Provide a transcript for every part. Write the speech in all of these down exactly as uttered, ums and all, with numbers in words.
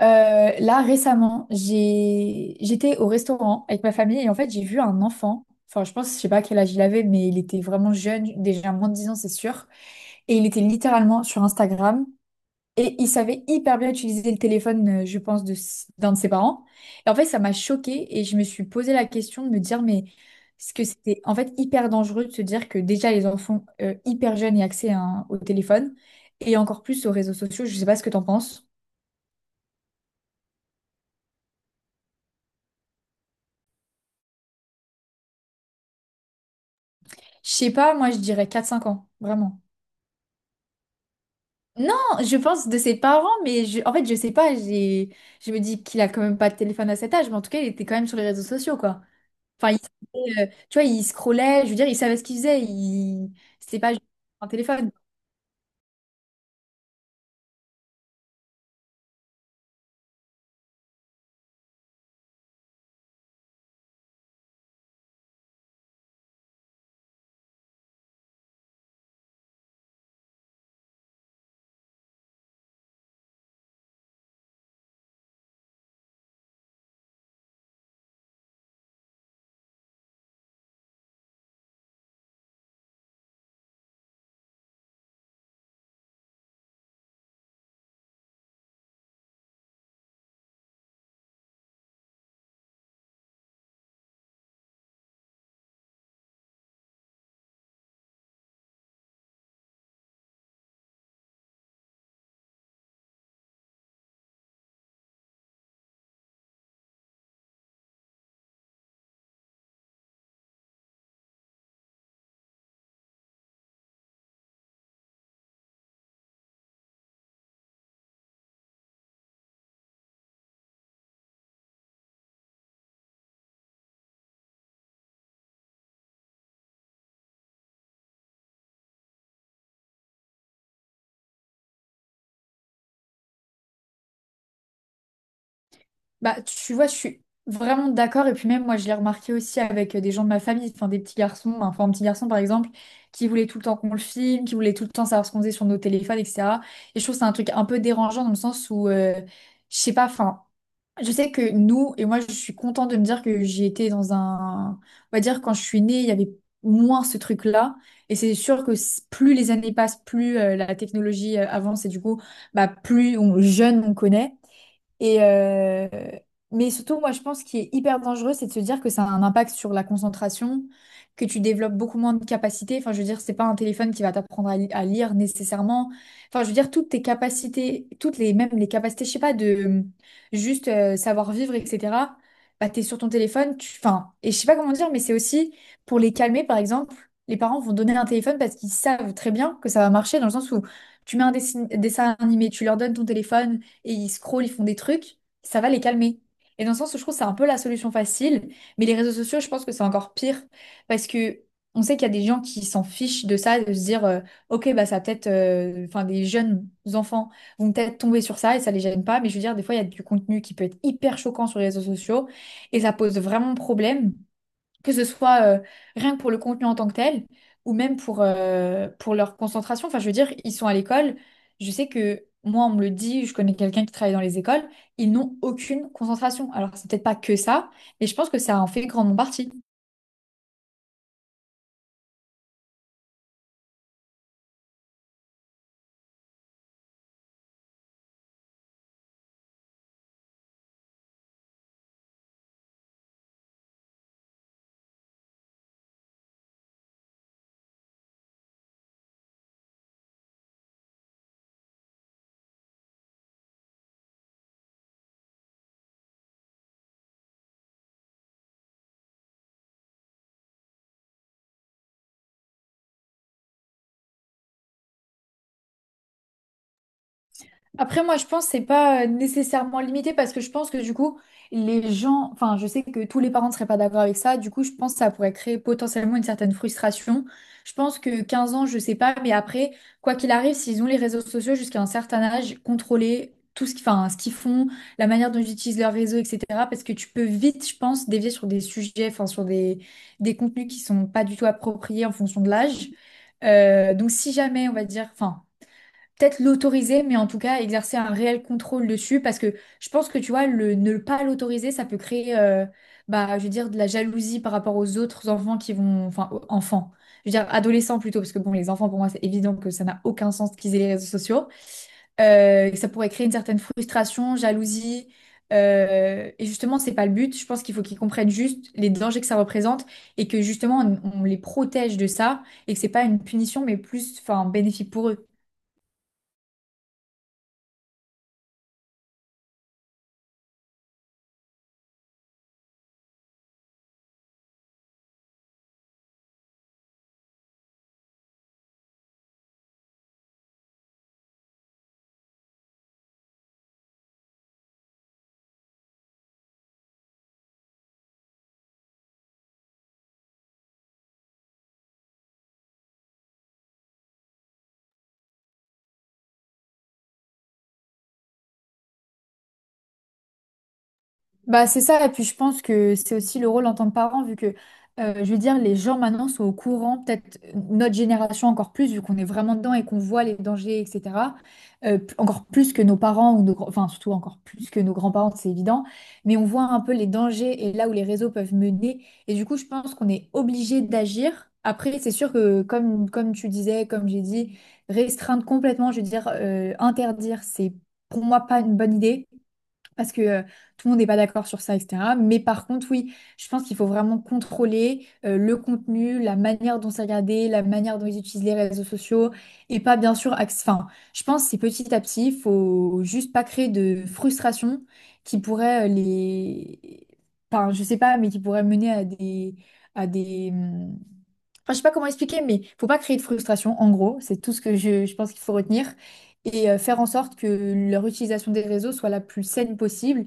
Euh, là, récemment, j'ai... j'étais au restaurant avec ma famille et en fait, j'ai vu un enfant. Enfin, je pense, je sais pas quel âge il avait, mais il était vraiment jeune, déjà moins de dix ans, c'est sûr. Et il était littéralement sur Instagram et il savait hyper bien utiliser le téléphone, euh, je pense, de... s- d'un de ses parents. Et en fait, ça m'a choquée et je me suis posé la question de me dire, mais est-ce que c'était en fait hyper dangereux de se dire que déjà les enfants euh, hyper jeunes aient accès à un- au téléphone et encore plus aux réseaux sociaux? Je sais pas ce que t'en penses. Je sais pas, moi je dirais quatre cinq ans, vraiment. Non, je pense de ses parents, mais je- en fait je sais pas, j'ai, je me dis qu'il a quand même pas de téléphone à cet âge, mais en tout cas il était quand même sur les réseaux sociaux, quoi. Enfin, il, savait, euh, tu vois, il scrollait, je veux dire, il savait ce qu'il faisait, il... c'était pas juste un téléphone. Bah, tu vois, je suis vraiment d'accord, et puis même moi je l'ai remarqué aussi avec euh, des gens de ma famille, enfin des petits garçons, enfin un petit garçon par exemple, qui voulait tout le temps qu'on le filme, qui voulait tout le temps savoir ce qu'on faisait sur nos téléphones, et cetera. Et je trouve que c'est un truc un peu dérangeant dans le sens où... euh, je sais pas, enfin, je sais que nous, et moi je suis contente de me dire que j'ai été dans un... on va dire quand je suis née, il y avait moins ce truc-là. Et c'est sûr que s- plus les années passent, plus euh, la technologie euh, avance et du coup, bah, plus on jeune on connaît. Et, euh, mais surtout, moi, je pense qu'il est hyper dangereux, c'est de se dire que ça a un impact sur la concentration, que tu développes beaucoup moins de capacités. Enfin, je veux dire, c'est pas un téléphone qui va t'apprendre à, li- à lire nécessairement. Enfin, je veux dire, toutes tes capacités, toutes les, même les capacités, je sais pas, de juste euh, savoir vivre, et cetera. Bah, t'es sur ton téléphone, tu, enfin, et je sais pas comment dire, mais c'est aussi pour les calmer, par exemple, les parents vont donner un téléphone parce qu'ils savent très bien que ça va marcher dans le sens où tu mets un dessin, dessin animé, tu leur donnes ton téléphone et ils scrollent, ils font des trucs, ça va les calmer. Et dans le sens où je trouve que c'est un peu la solution facile, mais les réseaux sociaux, je pense que c'est encore pire parce que on sait qu'il y a des gens qui s'en fichent de ça, de se dire euh, ok bah ça peut-être, euh, enfin des jeunes enfants vont peut-être tomber sur ça et ça les gêne pas, mais je veux dire des fois il y a du contenu qui peut être hyper choquant sur les réseaux sociaux et ça pose vraiment problème que ce soit euh, rien que pour le contenu en tant que tel, ou même pour, euh, pour leur concentration. Enfin, je veux dire, ils sont à l'école. Je sais que moi, on me le dit, je connais quelqu'un qui travaille dans les écoles, ils n'ont aucune concentration. Alors, c'est peut-être pas que ça, mais je pense que ça en fait grandement partie. Après, moi, je pense que c'est pas euh, nécessairement limité parce que je pense que du coup, les gens, enfin, je sais que tous les parents ne seraient pas d'accord avec ça. Du coup, je pense que ça pourrait créer potentiellement une certaine frustration. Je pense que quinze ans, je sais pas, mais après, quoi qu'il arrive, s'ils ont les réseaux sociaux jusqu'à un certain âge, contrôler tout ce qui- enfin, ce qu'ils font, la manière dont ils utilisent leurs réseaux, et cetera. Parce que tu peux vite, je pense, dévier sur des sujets, enfin, sur des, des contenus qui sont pas du tout appropriés en fonction de l'âge. Euh, donc, si jamais, on va dire, enfin, peut-être l'autoriser, mais en tout cas exercer un réel contrôle dessus, parce que je pense que tu vois, le, ne pas l'autoriser, ça peut créer, euh, bah, je veux dire, de la jalousie par rapport aux autres enfants qui vont, enfin, aux enfants, je veux dire, adolescents plutôt, parce que bon, les enfants, pour moi, c'est évident que ça n'a aucun sens qu'ils aient les réseaux sociaux. Euh, ça pourrait créer une certaine frustration, jalousie. Euh, et justement, c'est pas le but. Je pense qu'il faut qu'ils comprennent juste les dangers que ça représente et que justement on on les protège de ça et que c'est pas une punition mais plus enfin un bénéfice pour eux. Bah, c'est ça, et puis je pense que c'est aussi le rôle en tant que parent, vu que, euh, je veux dire, les gens maintenant sont au courant, peut-être notre génération encore plus, vu qu'on est vraiment dedans et qu'on voit les dangers, et cetera euh, p- encore plus que nos parents, ou nos, grands- enfin surtout encore plus que nos grands-parents, c'est évident, mais on voit un peu les dangers et là où les réseaux peuvent mener, et du coup, je pense qu'on est obligé d'agir. Après, c'est sûr que, comme, comme tu disais, comme j'ai dit, restreindre complètement, je veux dire, euh, interdire, c'est pour moi pas une bonne idée parce que euh, tout le monde n'est pas d'accord sur ça, et cetera. Mais par contre, oui, je pense qu'il faut vraiment contrôler euh, le contenu, la manière dont c'est regardé, la manière dont ils utilisent les réseaux sociaux, et pas bien sûr... axe- Enfin, je pense que c'est petit à petit, il faut juste pas créer de frustration qui pourrait euh, les... Enfin, je sais pas, mais qui pourrait mener à des... à des... hum, Enfin, je sais pas comment expliquer, mais faut pas créer de frustration, en gros, c'est tout ce que je, je pense qu'il faut retenir. Et euh, faire en sorte que leur utilisation des réseaux soit la plus saine possible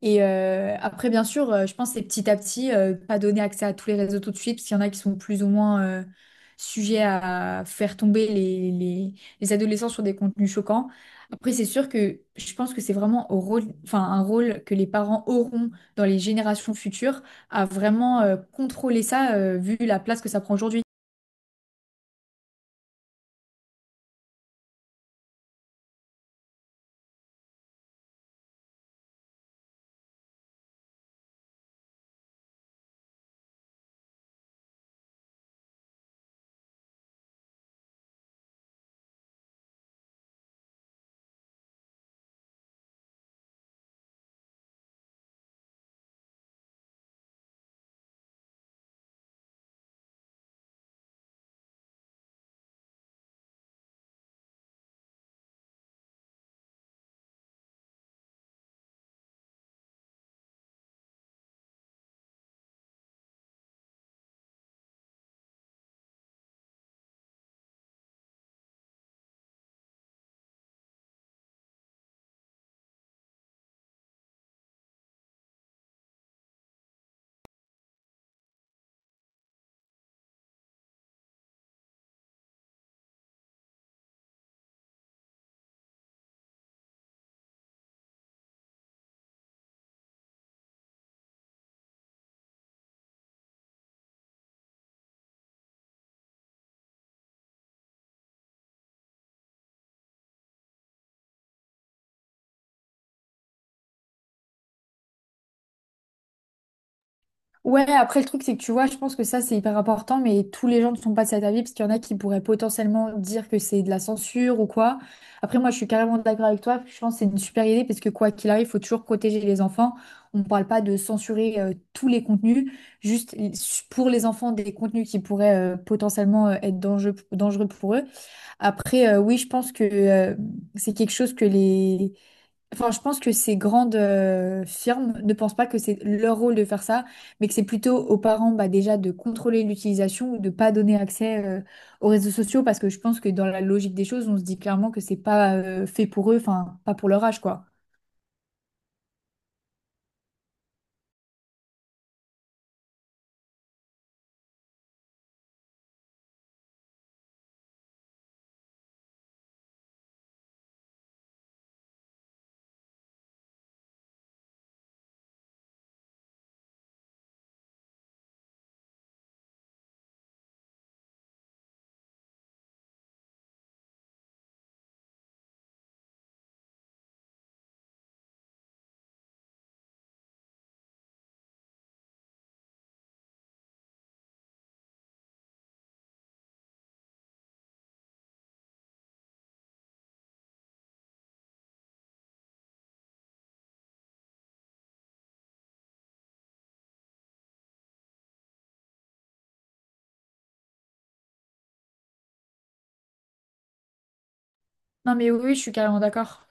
et euh, après, bien sûr, euh, je pense que c'est petit à petit, euh, pas donner accès à tous les réseaux tout de suite, parce qu'il y en a qui sont plus ou moins euh, sujets à faire tomber les, les, les adolescents sur des contenus choquants. Après, c'est sûr que je pense que c'est vraiment au rôle, enfin, un rôle que les parents auront dans les générations futures à vraiment euh, contrôler ça, euh, vu la place que ça prend aujourd'hui. Ouais, après le truc, c'est que tu vois, je pense que ça, c'est hyper important, mais tous les gens ne sont pas de cet avis, parce qu'il y en a qui pourraient potentiellement dire que c'est de la censure ou quoi. Après, moi, je suis carrément d'accord avec toi, je pense que c'est une super idée, parce que quoi qu'il arrive, il faut toujours protéger les enfants. On ne parle pas de censurer euh, tous les contenus, juste euh, pour les enfants, des contenus qui pourraient euh, potentiellement euh, être dangereux, dangereux pour eux. Après, euh, oui, je pense que euh, c'est quelque chose que les Enfin, je pense que ces grandes euh, firmes ne pensent pas que c'est leur rôle de faire ça, mais que c'est plutôt aux parents bah, déjà de contrôler l'utilisation ou de pas donner accès euh, aux réseaux sociaux parce que je pense que dans la logique des choses, on se dit clairement que c'est pas euh, fait pour eux, enfin pas pour leur âge quoi. Non mais oui, oui, je suis carrément d'accord.